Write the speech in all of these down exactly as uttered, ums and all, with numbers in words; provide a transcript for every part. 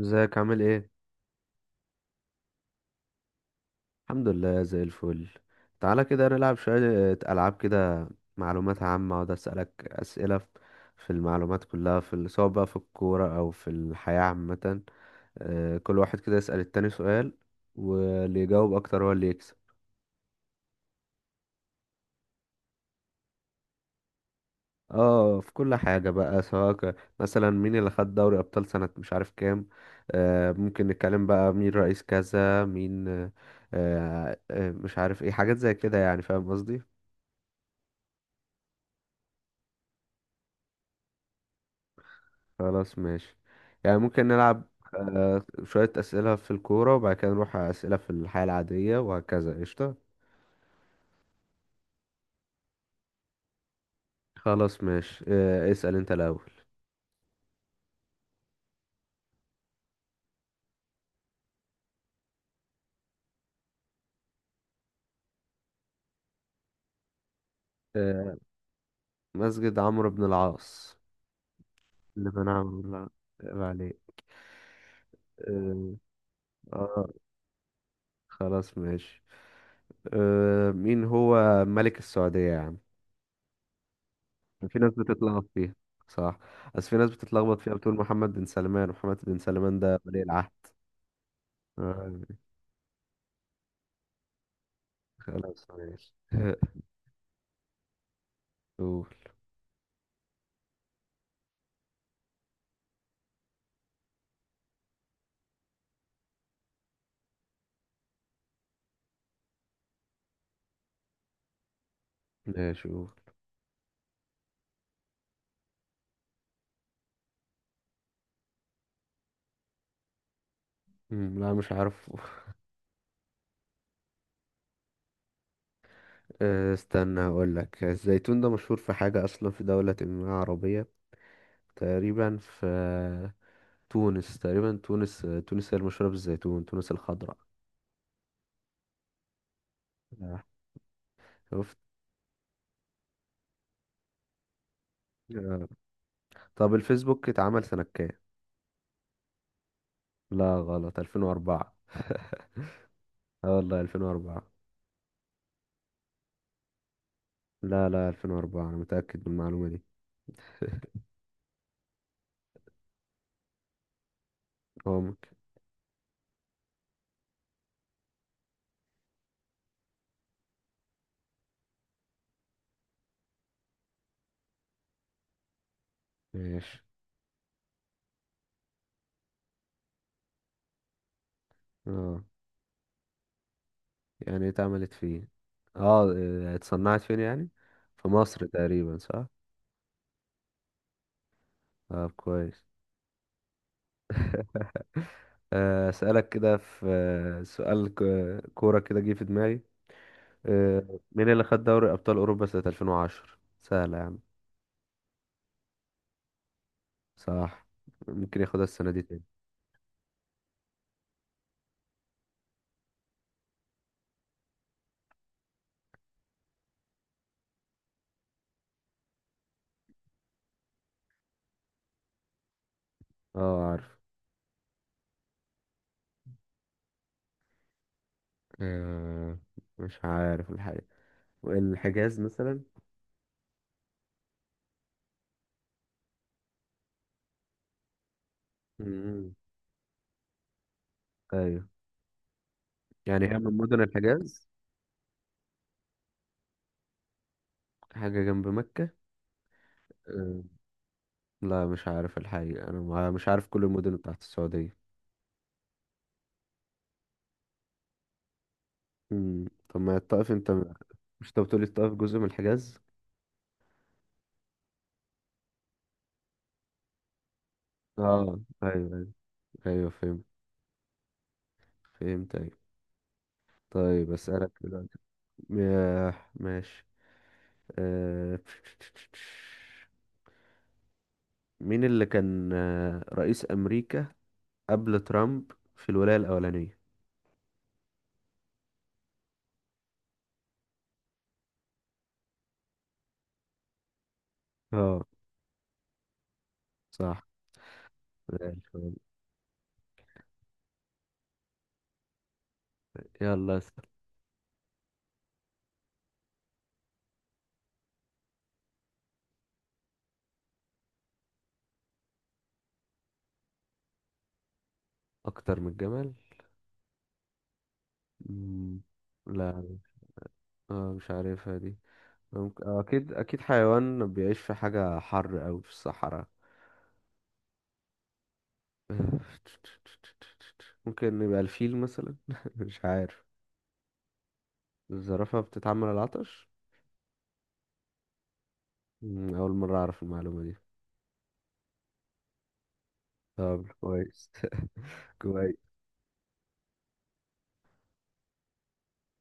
ازيك عامل ايه؟ الحمد لله زي الفل. تعالى كده نلعب شوية. آه، ألعاب كده، معلومات عامة. اقعد أسألك أسئلة ف- في المعلومات كلها، في ال- سواء بقى في الكورة أو في الحياة عامة. آه، كل واحد كده يسأل التاني سؤال، واللي يجاوب أكتر هو اللي يكسب. اه، في كل حاجة بقى، سواء ك- مثلا مين اللي خد دوري أبطال سنة مش عارف كام. آه، ممكن نتكلم بقى مين رئيس كذا، مين. آه، آه، مش عارف ايه، حاجات زي كده، يعني فاهم قصدي. خلاص ماشي، يعني ممكن نلعب. آه، شوية أسئلة في الكورة، وبعد كده نروح على أسئلة في الحياة العادية وهكذا. قشطة، خلاص ماشي. آه، اسأل أنت الأول. آه، مسجد عمرو بن العاص. اللي بنى عمرو بن العاص، عيب عليك. آه، آه. خلاص ماشي. آه مين هو ملك السعودية يا عم؟ في ناس بتتلخبط فيها. صح، بس في ناس بتتلخبط فيها، بتقول محمد بن سلمان. محمد بن سلمان ده ولي العهد. آه، خلاص ماشي. قول. ماشي قول. مم، لا مش عارف. آه، استنى هقول لك، الزيتون ده مشهور في حاجة أصلا، في دولة ما عربية. تقريبا في تونس، تقريبا. تونس تونس هي المشهورة بالزيتون، تونس الخضراء. آه، شفت. آه. طب الفيسبوك اتعمل سنة كام؟ لا، غلط، ألفين وأربعة. اه، والله ألفين وأربعة. لا، لا، ألفين وأربعة أنا متأكد من المعلومة دي. هو ممكن. ماشي. اه، يعني اتعملت فين؟ اه، اه، اتصنعت فين يعني؟ في مصر تقريبا، صح؟ طب كويس. آه، اسالك كده. في آه، سؤال ك- كوره كده جه في دماغي. آه، مين اللي خد دوري ابطال اوروبا سنه ألفين وعشرة؟ سهله يا عم. صح، ممكن ياخدها السنه دي تاني. اه عارف. آه، مش عارف الحقيقه. الحجاز مثلا. مم. ايوه، يعني هي من مدن الحجاز. حاجه جنب مكه. آه، لا مش عارف الحقيقه، انا ما- مش عارف كل المدن بتاعت السعوديه. مم. طب ما الطائف انت، مش انت بتقولي الطائف جزء من الحجاز؟ اه ايوه، ايوه. ايوه فهمت. فهمت، ايوه. طيب اسالك دلوقتي. ياه، ماشي. آه... مين اللي كان آه، رئيس امريكا قبل ترامب في الولايه الاولانيه؟ اه، صح. زي الفل. يلا اسال. اكتر من الجمل. مم، لا. آه مش عارفها دي. ممكن، آه، اكيد اكيد حيوان بيعيش في حاجه حر او في الصحراء. آه، ممكن يبقى الفيل مثلا، مش عارف. الزرافة بتتعمل على العطش؟ مم، أول مرة أعرف المعلومة دي. طب كويس. كويس.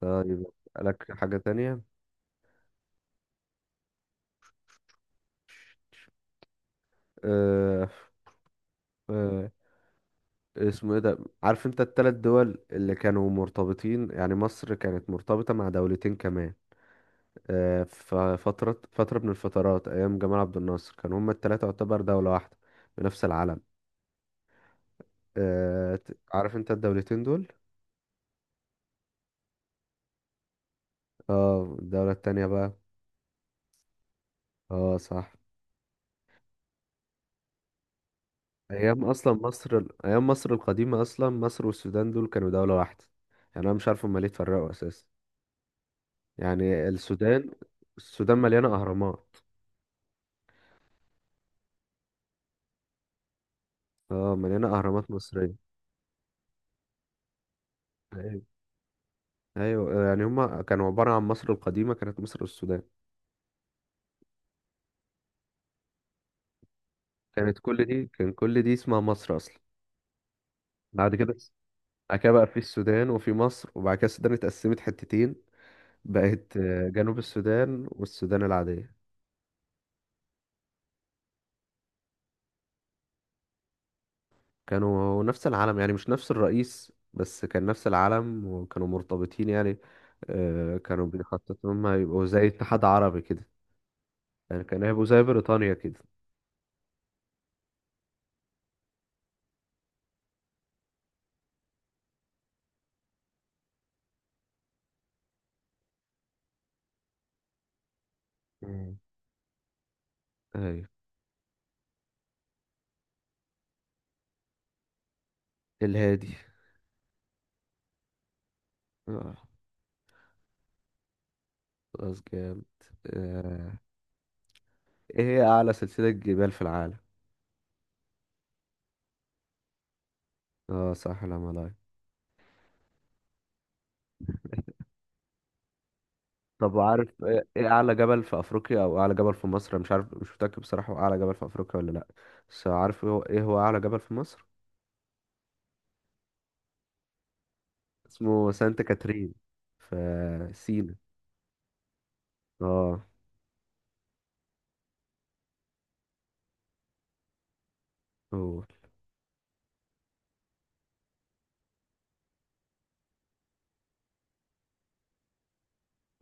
طيب أسألك حاجة تانية. أه أه اسمه ايه ده، عارف انت التلات دول اللي كانوا مرتبطين؟ يعني مصر كانت مرتبطة مع دولتين كمان. أه، ففترة فترة فترة من الفترات، أيام جمال عبد الناصر، كانوا هما التلاتة يعتبر دولة واحدة بنفس العلم. أه ت- عارف انت الدولتين دول؟ اه، الدولة التانية بقى. اه، صح. ايام اصلا مصر ال- ايام مصر القديمه، اصلا مصر والسودان دول كانوا دوله واحده، يعني انا مش عارف هما ليه اتفرقوا اساسا. يعني السودان، السودان مليانه اهرامات. اه مليانه اهرامات مصريه. ايوه، ايوه، يعني هما كانوا عباره عن مصر القديمه، كانت مصر والسودان. كانت كل دي، كان كل دي اسمها مصر اصلا. بعد كده، بعد كده بقى في السودان وفي مصر، وبعد كده السودان اتقسمت حتتين، بقت آه، جنوب السودان والسودان العاديه. كانوا نفس العلم، يعني مش نفس الرئيس، بس كان نفس العلم وكانوا مرتبطين يعني. آه، كانوا بيخططوا إن هم يبقوا زي اتحاد عربي كده، يعني كانوا هيبقوا زي بريطانيا كده. مم. أيوة. الهادي. اه، خلاص جامد. آه، ايه هي أعلى سلسلة جبال في العالم؟ اه صح، الهيمالايا. طب عارف ايه، إيه أعلى جبل في أفريقيا أو أعلى جبل في مصر؟ أنا مش عارف، مش متأكد بصراحة هو أعلى جبل في أفريقيا ولا لأ، بس عارف إيه هو، إيه هو أعلى جبل في مصر؟ اسمه سانتا كاترين، في سينا. اه، هو.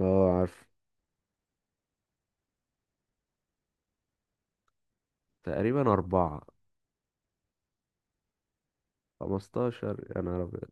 اه، عارف. تقريبا أربعة. خمستاشر؟ يا نهار أبيض.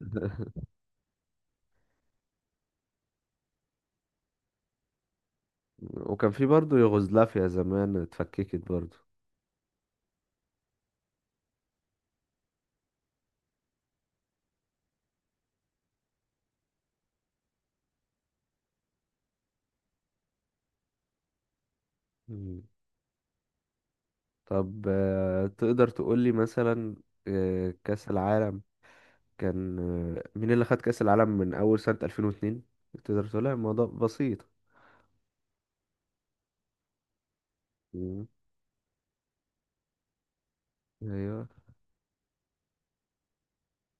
وكان في برضه يوغوسلافيا زمان، اتفككت برضه. مم. طب آه، تقدر تقولي مثلا آه، كأس العالم كان، آه، مين اللي خد كأس العالم من أول سنة ألفين واثنين؟ تقدر تقولها، الموضوع بسيط. مم. ايوه.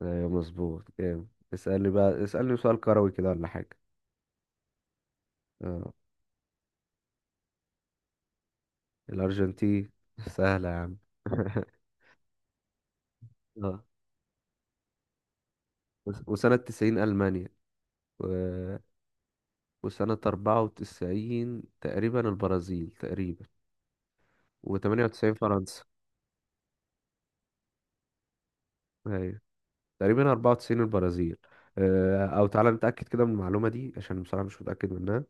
ايوه، مظبوط، جامد. اسألني بقى، اسألني سؤال كروي كده ولا حاجة. اه. الأرجنتين. سهلة يا عم. اه. وس- وسنة تسعين ألمانيا، و... وسنة أربعة وتسعين تقريبا البرازيل، تقريبا. وتمانية وتسعين فرنسا. أيوة. تقريبا أربعة وتسعين البرازيل. آه، أو تعالى نتأكد كده من المعلومة دي عشان بصراحة مش متأكد منها.